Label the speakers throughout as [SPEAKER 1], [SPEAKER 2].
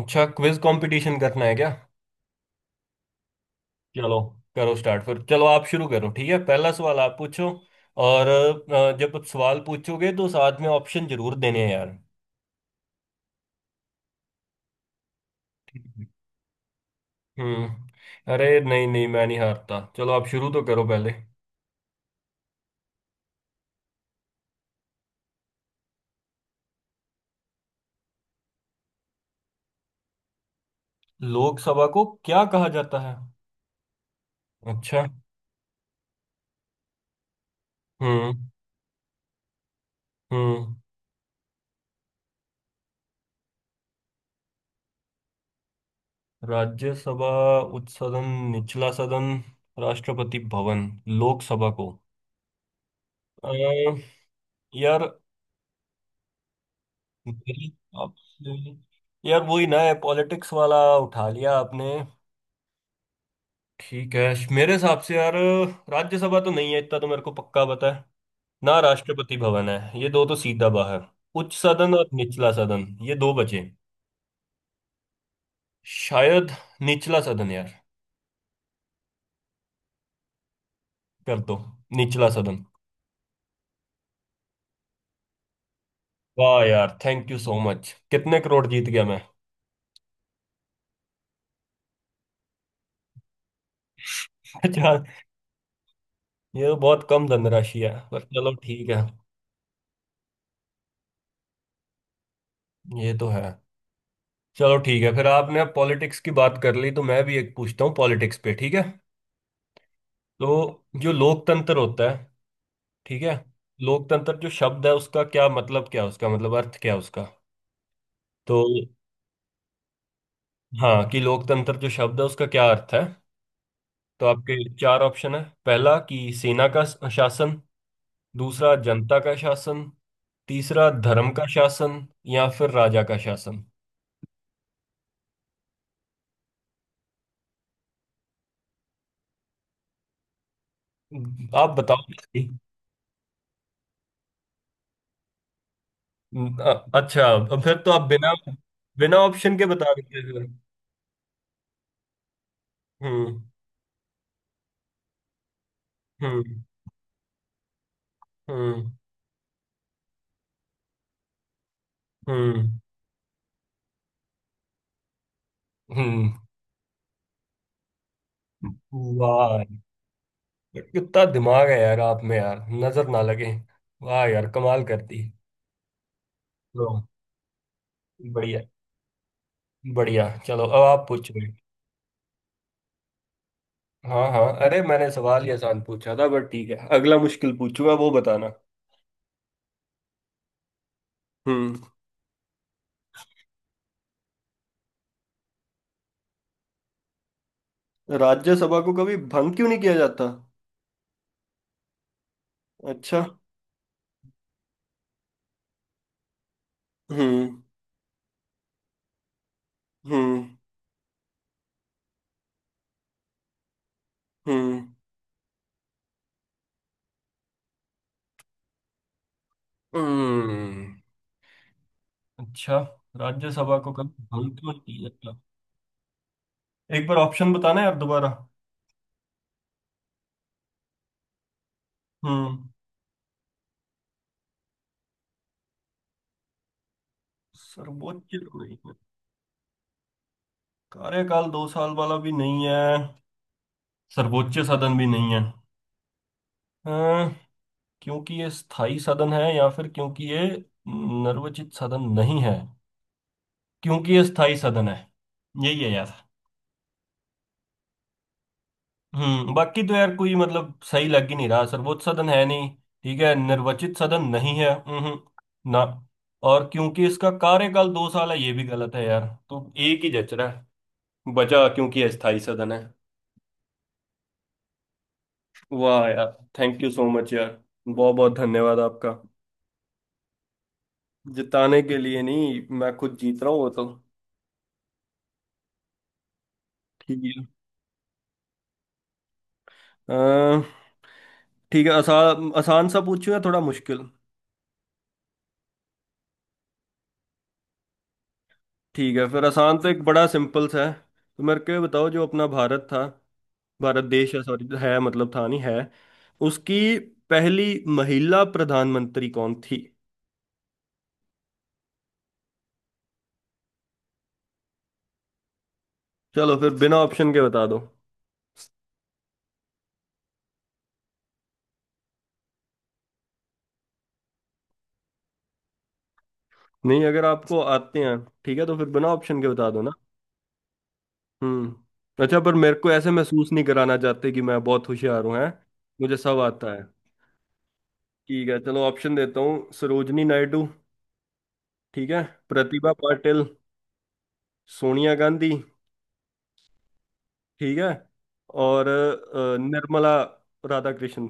[SPEAKER 1] अच्छा, quiz competition करना है क्या। चलो करो स्टार्ट, फिर चलो आप शुरू करो। ठीक है, पहला सवाल आप पूछो। और जब आप सवाल पूछोगे तो साथ में ऑप्शन जरूर देने हैं यार। हम्म। अरे नहीं नहीं, मैं नहीं हारता, चलो आप शुरू तो करो पहले। लोकसभा को क्या कहा जाता है। अच्छा। हम्म। हम्म। राज्यसभा, उच्च सदन, निचला सदन, राष्ट्रपति भवन। लोकसभा को अ, यार, मेरी आपसे, यार वही ना है पॉलिटिक्स वाला उठा लिया आपने। ठीक है, मेरे हिसाब से यार, राज्यसभा तो नहीं है, इतना तो मेरे को पक्का पता है। ना राष्ट्रपति भवन है, ये दो तो सीधा बाहर। उच्च सदन और निचला सदन, ये दो बचे। शायद निचला सदन यार। कर दो, निचला सदन। वाह यार, थैंक यू सो मच। कितने करोड़ जीत गया मैं। अच्छा, ये तो बहुत कम धनराशि है, पर चलो ठीक है। ये तो है। चलो ठीक है, फिर आपने अब पॉलिटिक्स की बात कर ली तो मैं भी एक पूछता हूँ पॉलिटिक्स पे, ठीक है। तो जो लोकतंत्र होता है, ठीक है, लोकतंत्र जो शब्द है उसका क्या मतलब क्या है, उसका मतलब अर्थ क्या है उसका। तो हाँ, कि लोकतंत्र जो शब्द है उसका क्या अर्थ है। तो आपके चार ऑप्शन है। पहला कि सेना का शासन, दूसरा जनता का शासन, तीसरा धर्म का शासन, या फिर राजा का शासन। आप बताओ। अच्छा, अब फिर तो आप बिना, बिना ऑप्शन के बता रहे थे। हम्म। हम्म। हम्म। हम्म। हम्म। वाह, कितना दिमाग है यार आप में, यार नजर ना लगे। वाह यार, कमाल करती। लो। बढ़िया, बढ़िया, चलो अब आप पूछो। हाँ हाँ, अरे मैंने सवाल ही आसान पूछा था, बट ठीक है, अगला मुश्किल पूछूंगा वो बताना। हम्म। राज्यसभा को कभी भंग क्यों नहीं किया जाता। अच्छा। हम्म। हम्म। हम्म। हम्म। अच्छा, राज्यसभा को कभी भंग क्यों नहीं किया जाता। एक बार ऑप्शन बताना यार दोबारा। हम्म। सर्वोच्च तो नहीं है। कार्यकाल दो साल वाला भी नहीं है। सर्वोच्च साधन भी नहीं है। अं, क्योंकि ये स्थायी साधन है, या फिर क्योंकि ये नर्वचित साधन नहीं है। क्योंकि ये स्थायी साधन है, यही है यार। हम्म, बाकी तो यार कोई मतलब सही लग ही नहीं रहा। सर्वोच्च सदन है नहीं, ठीक है। निर्वाचित सदन नहीं है, हम्म, ना। और क्योंकि इसका कार्यकाल दो साल है, ये भी गलत है यार, तो एक ही जच रहा है। बचा क्योंकि अस्थाई सदन है। वाह यार, थैंक यू सो मच यार, बहुत बहुत धन्यवाद आपका। जिताने के लिए नहीं, मैं खुद जीत रहा हूँ वो तो। ठीक है। अ, ठीक है, आसान आसान सा पूछूं या थोड़ा मुश्किल। ठीक है, फिर आसान तो एक बड़ा सिंपल सा है। तो मेरे को ये बताओ, जो अपना भारत था, भारत देश है, सॉरी है, मतलब था नहीं है, उसकी पहली महिला प्रधानमंत्री कौन थी। चलो, फिर बिना ऑप्शन के बता दो। नहीं, अगर आपको आते हैं, ठीक है, तो फिर बिना ऑप्शन के बता दो ना। हम्म। अच्छा, पर मेरे को ऐसे महसूस नहीं कराना चाहते कि मैं बहुत होशियार हूँ, है, मुझे सब आता है। ठीक है, चलो ऑप्शन देता हूँ। सरोजनी नायडू, ठीक है, प्रतिभा पाटिल, सोनिया गांधी, ठीक है, और निर्मला राधाकृष्ण।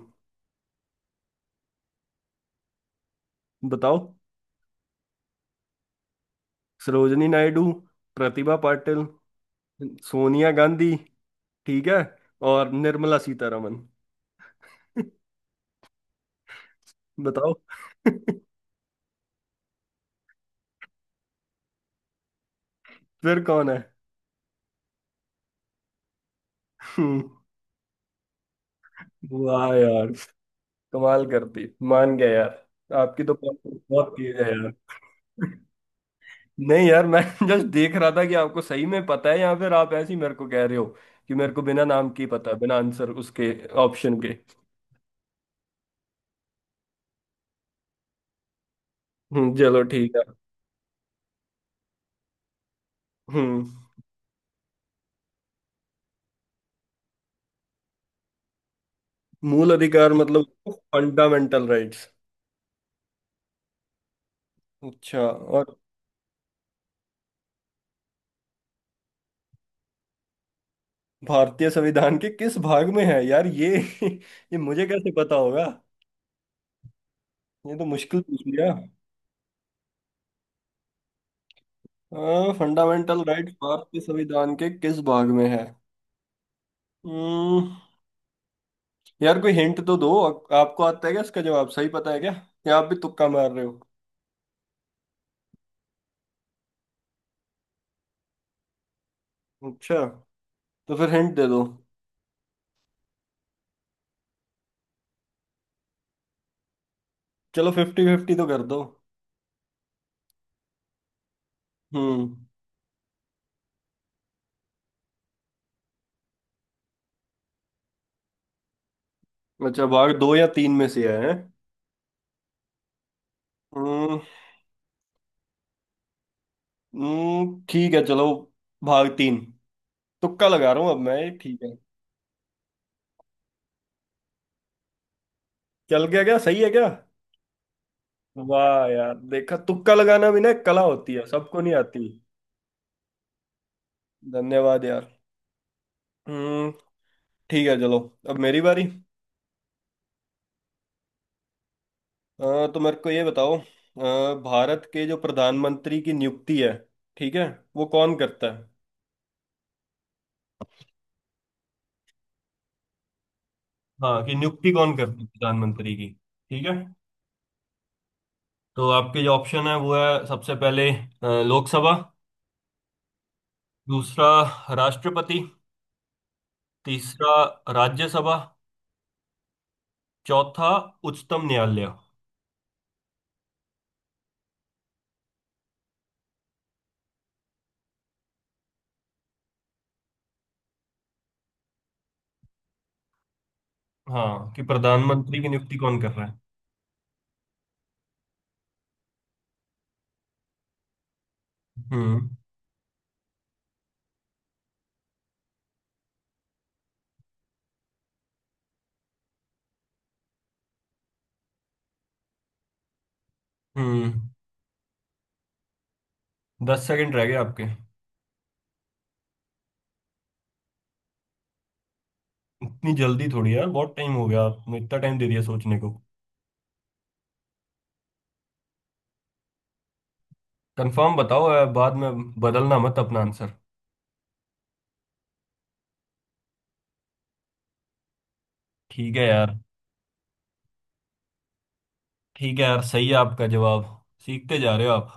[SPEAKER 1] बताओ। सरोजनी नायडू, प्रतिभा पाटिल, सोनिया गांधी, ठीक है, और निर्मला सीतारमण। बताओ। फिर कौन है। हम्म। वाह यार, कमाल करती, मान गया यार आपकी तो, बहुत बहुत तेज है यार। नहीं यार, मैं जस्ट देख रहा था कि आपको सही में पता है या फिर आप ऐसे ही मेरे को कह रहे हो कि मेरे को बिना नाम के ही पता है, बिना आंसर उसके, ऑप्शन के। हम्म, चलो ठीक है। हम्म। मूल अधिकार मतलब फंडामेंटल राइट्स। अच्छा, और भारतीय संविधान के किस भाग में है यार ये। ये मुझे कैसे पता होगा, ये तो मुश्किल पूछ लिया। फंडामेंटल राइट भारतीय संविधान के किस भाग में है। हम्म, यार कोई हिंट तो दो। आपको आता है क्या इसका जवाब, सही पता है क्या, या आप भी तुक्का मार रहे हो। अच्छा, तो फिर हिंट दे दो। चलो फिफ्टी फिफ्टी तो कर दो। हम्म। अच्छा, भाग दो या तीन में से है। हम्म। ठीक है चलो, भाग तीन, तुक्का लगा रहा हूँ अब मैं, ये ठीक है। चल गया क्या, सही है क्या। वाह यार, देखा, तुक्का लगाना भी ना एक कला होती है, सबको नहीं आती। धन्यवाद यार। हम्म। ठीक है चलो, अब मेरी बारी। अ, तो मेरे को ये बताओ, भारत के जो प्रधानमंत्री की नियुक्ति है, ठीक है, वो कौन करता है। हाँ कि नियुक्ति कौन करता है प्रधानमंत्री की। ठीक है, तो आपके जो ऑप्शन है वो है, सबसे पहले लोकसभा, दूसरा राष्ट्रपति, तीसरा राज्यसभा, चौथा उच्चतम न्यायालय। हाँ कि प्रधानमंत्री की नियुक्ति कौन कर रहा है। हम्म। हम्म। दस सेकंड रह गए आपके। इतनी जल्दी थोड़ी यार, बहुत टाइम हो गया, आपने इतना टाइम दे दिया सोचने को। कंफर्म बताओ यार, बाद में बदलना मत अपना आंसर। ठीक है यार। ठीक है यार, सही है आपका जवाब, सीखते जा रहे हो आप।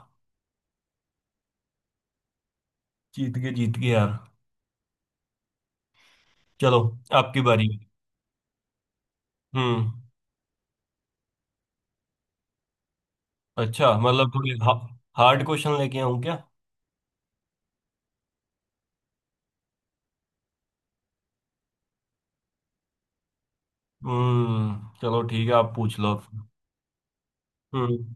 [SPEAKER 1] जीत गए यार, चलो आपकी बारी। हम्म। अच्छा मतलब थोड़ी हार्ड क्वेश्चन लेके आऊं क्या। हम्म, चलो ठीक है, आप पूछ लो अब। हम्म।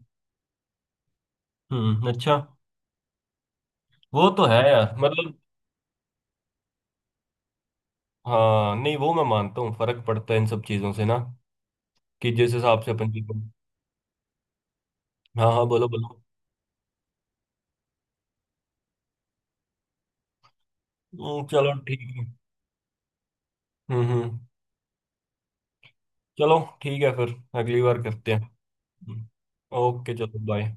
[SPEAKER 1] हम्म। अच्छा। वो तो है यार मतलब। हाँ नहीं, वो मैं मानता हूँ, फर्क पड़ता है इन सब चीजों से ना, कि जिस हिसाब से अपन जीवन। हाँ हाँ, बोलो बोलो। चलो ठीक है। हम्म। हम्म, चलो ठीक है फिर, अगली बार करते हैं। हम्म, ओके चलो बाय।